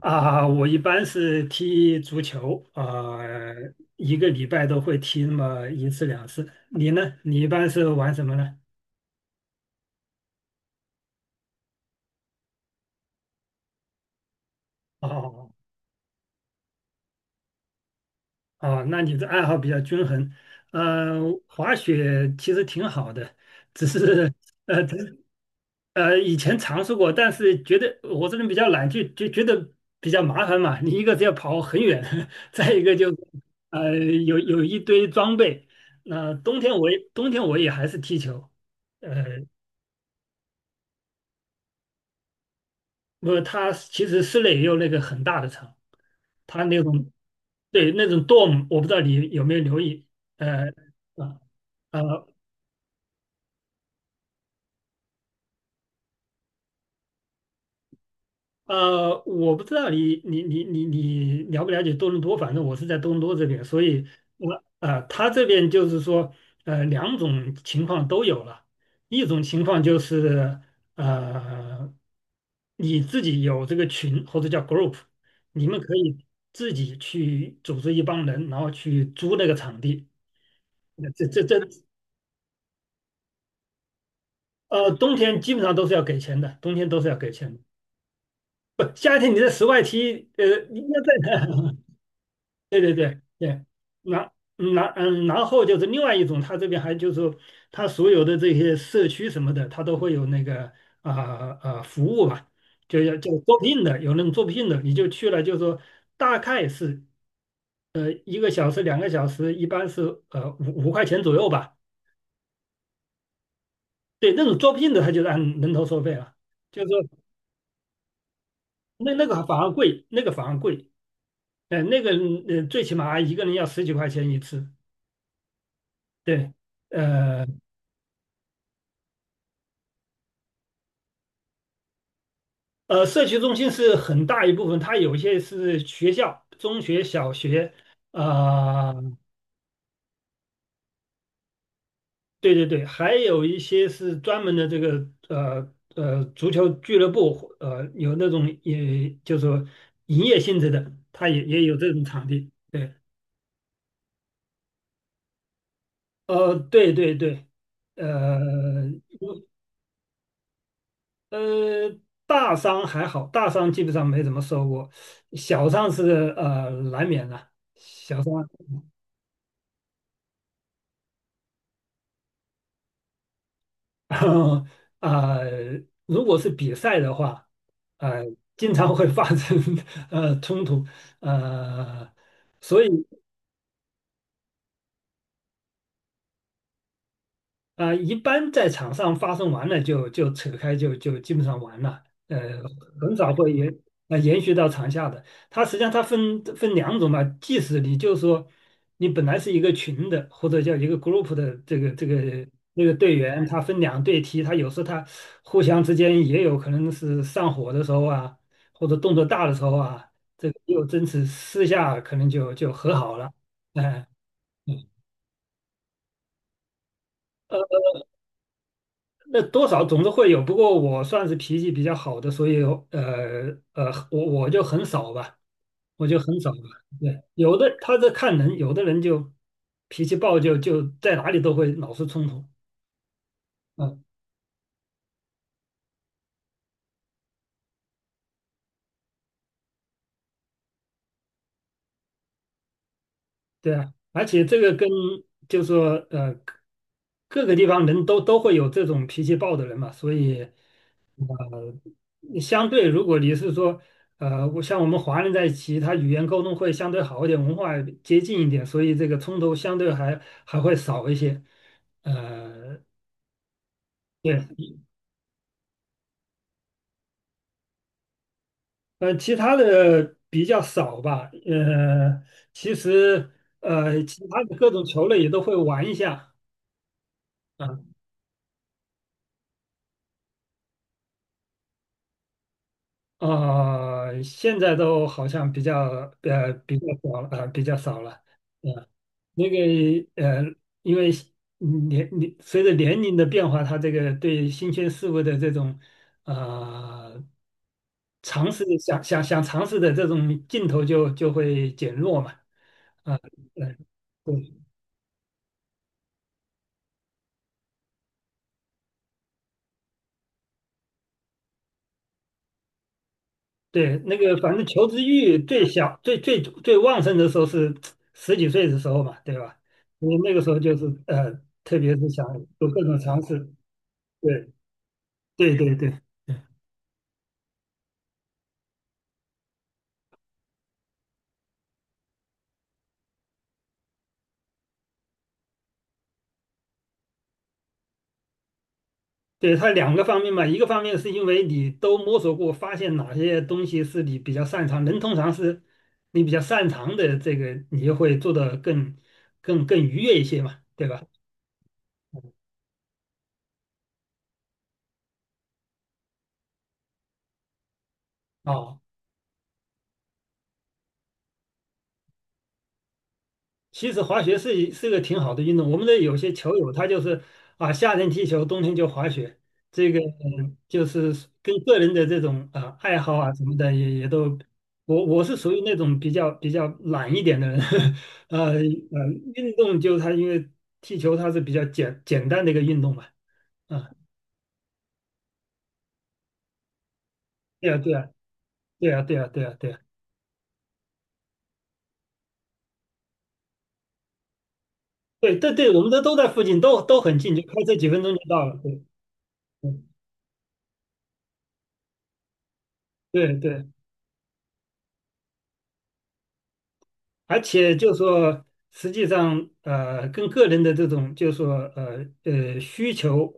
啊，我一般是踢足球，啊，一个礼拜都会踢那么一次两次。你呢？你一般是玩什么呢？哦哦，那你的爱好比较均衡。呃，滑雪其实挺好的，只是呃只呃以前尝试过，但是觉得我这人比较懒，就觉得比较麻烦嘛。你一个是要跑很远，再一个就有一堆装备。那、冬天我也冬天我也还是踢球。呃。不他它其实室内也有那个很大的厂，它那种对那种 dorm,我不知道你有没有留意。呃，啊啊，呃我不知道你了不了解多伦多，反正我是在多伦多这边，所以我他这边就是说，两种情况都有了。一种情况就是，呃，你自己有这个群或者叫 group,你们可以自己去组织一帮人，然后去租那个场地。那这这这呃，冬天基本上都是要给钱的，冬天都是要给钱的。不，夏天你在室外踢，你要在 对对对对。然后就是另外一种，它这边还就是说它所有的这些社区什么的，它都会有那个服务吧，就招聘的，有那种招聘的，你就去了，就是说大概是一个小时两个小时，一般是呃五五块钱左右吧。对，那种招聘的，他就是按人头收费了，就是说那个反而贵，那个反而贵。呃，那个最起码一个人要十几块钱一次，对。呃，社区中心是很大一部分，它有一些是学校、中学、小学。啊、对对对，还有一些是专门的这个足球俱乐部，有那种也就是说营业性质的，它也也有这种场地。对。对对对。呃呃，大伤还好，大伤基本上没怎么受过，小伤是难免的，小伤。然后啊、呃如果是比赛的话，呃，经常会发生 冲突，呃，所以。啊，一般在场上发生完了就扯开就基本上完了，很少会延续到场下的。它实际上它分两种吧，即使你就是说你本来是一个群的或者叫一个 group 的这个那个队员，他分两队踢，他有时候他互相之间也有可能是上火的时候啊，或者动作大的时候啊，这个又争执，私下可能就和好了。哎、嗯那多少总是会有，不过我算是脾气比较好的，所以我就很少吧，我就很少吧。对，有的他这看人，有的人就脾气暴就，就在哪里都会老是冲突。嗯，对啊，而且这个跟就说呃各个地方人都会有这种脾气暴的人嘛，所以你相对，如果你是说，我像我们华人在一起，他语言沟通会相对好一点，文化接近一点，所以这个冲突相对还会少一些。呃，对。其他的比较少吧。其实其他的各种球类也都会玩一下。啊啊现在都好像比较少了啊，比较少了。嗯。那个呃，因为嗯随着年龄的变化，他这个对新鲜事物的这种呃尝试，想尝试的这种劲头就会减弱嘛。嗯，对对，那个反正求知欲最小、最最最旺盛的时候是十几岁的时候嘛，对吧？因为那个时候就是特别是想做各种尝试。对对对对。对，它两个方面嘛，一个方面是因为你都摸索过，发现哪些东西是你比较擅长，人通常是你比较擅长的这个，你就会做得更愉悦一些嘛，对吧？哦。其实滑雪是个挺好的运动。我们的有些球友他就是啊，夏天踢球，冬天就滑雪，这个嗯就是跟个人的这种啊爱好啊什么的也都，我是属于那种比较懒一点的人，呃呃，运动就他因为踢球它是比较单的一个运动嘛，啊，对啊对啊对啊，对对对，我们这都在附近，都很近，就开车几分钟就到了，对对对对。而且就说，实际上，跟个人的这种，就说，需求、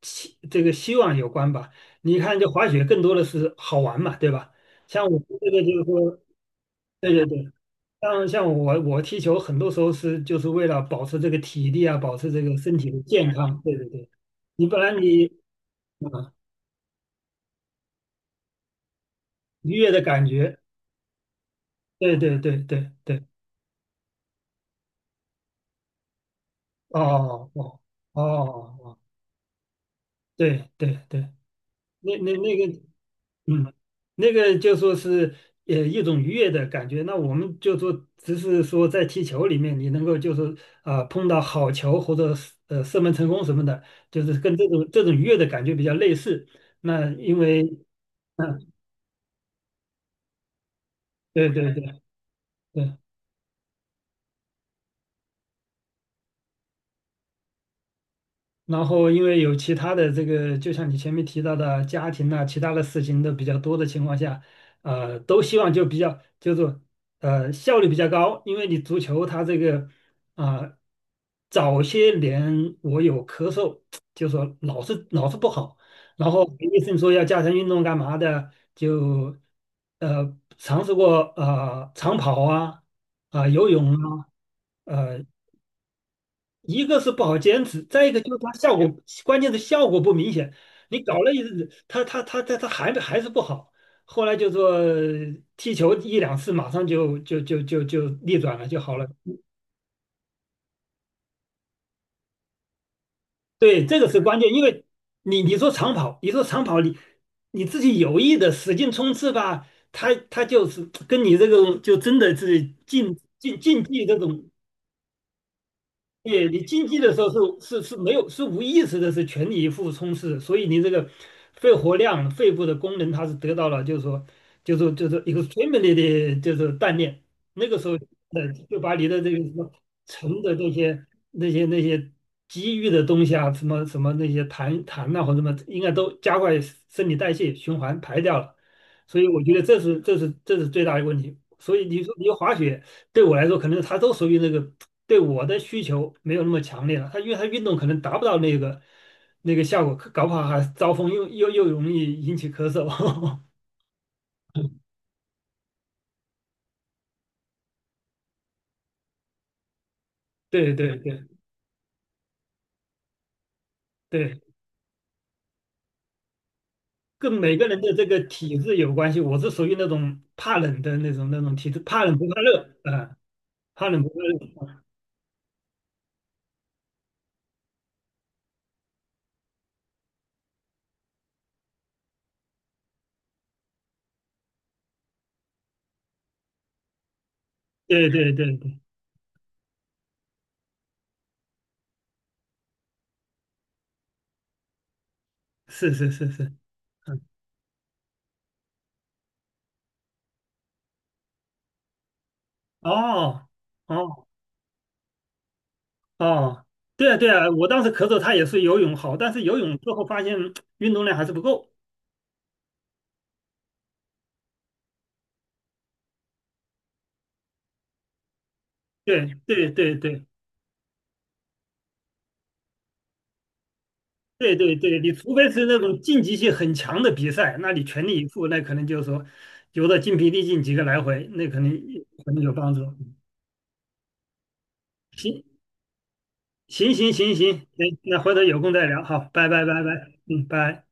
这个希望有关吧。你看，就滑雪更多的是好玩嘛，对吧？像我们这个就是说，对对对，像我踢球，很多时候就是为了保持这个体力啊，保持这个身体的健康。对对对，你不然你啊愉悦的感觉，对对对对对，哦哦哦哦，对对对，那个。嗯，那个就说是一种愉悦的感觉。那我们就说，只是说在踢球里面，你能够就是碰到好球或者是射门成功什么的，就是跟这种愉悦的感觉比较类似。那因为嗯，对对对对，然后因为有其他的这个，就像你前面提到的家庭啊，其他的事情都比较多的情况下，都希望就比较就是呃效率比较高，因为你足球它这个啊、呃早些年我有咳嗽，就说老是不好，然后医生说要加强运动干嘛的，就尝试过长跑啊游泳啊。呃。一个是不好坚持，再一个就是它效果，关键是效果不明显。你搞了一日，他他他他它还是不好。后来就说踢球一两次，马上就逆转了就好了。对，这个是关键，因为你说长跑，你你自己有意的使劲冲刺吧，他就是跟你这个就真的是竞技这种。你你竞技的时候是是是没有是无意识的，是全力以赴冲刺，所以你这个肺活量、肺部的功能它是得到了，就是说就是 extremely 的，就是锻炼。那个时候，就把你的这个什么沉的这些那些积郁的东西啊，什么什么那些痰呐、或者什么，应该都加快身体代谢循环排掉了。所以我觉得这是最大的问题。所以你说你滑雪。对我来说，可能他都属于那个对我的需求没有那么强烈了。他因为他运动可能达不到那个效果，搞不好还招风又容易引起咳嗽。对对对对，跟每个人的这个体质有关系。我是属于那种怕冷的那种体质，怕冷不怕热啊，怕冷不怕热。对对对对，是是是是，嗯，哦哦哦，对啊对啊，我当时咳嗽，他也是游泳好，但是游泳最后发现运动量还是不够。对对对对对对对，你除非是那种竞技性很强的比赛，那你全力以赴，那可能就是说游的筋疲力尽几个来回，那可能可能有帮助。行行行行行，行，那回头有空再聊，好，拜拜拜拜，嗯，拜。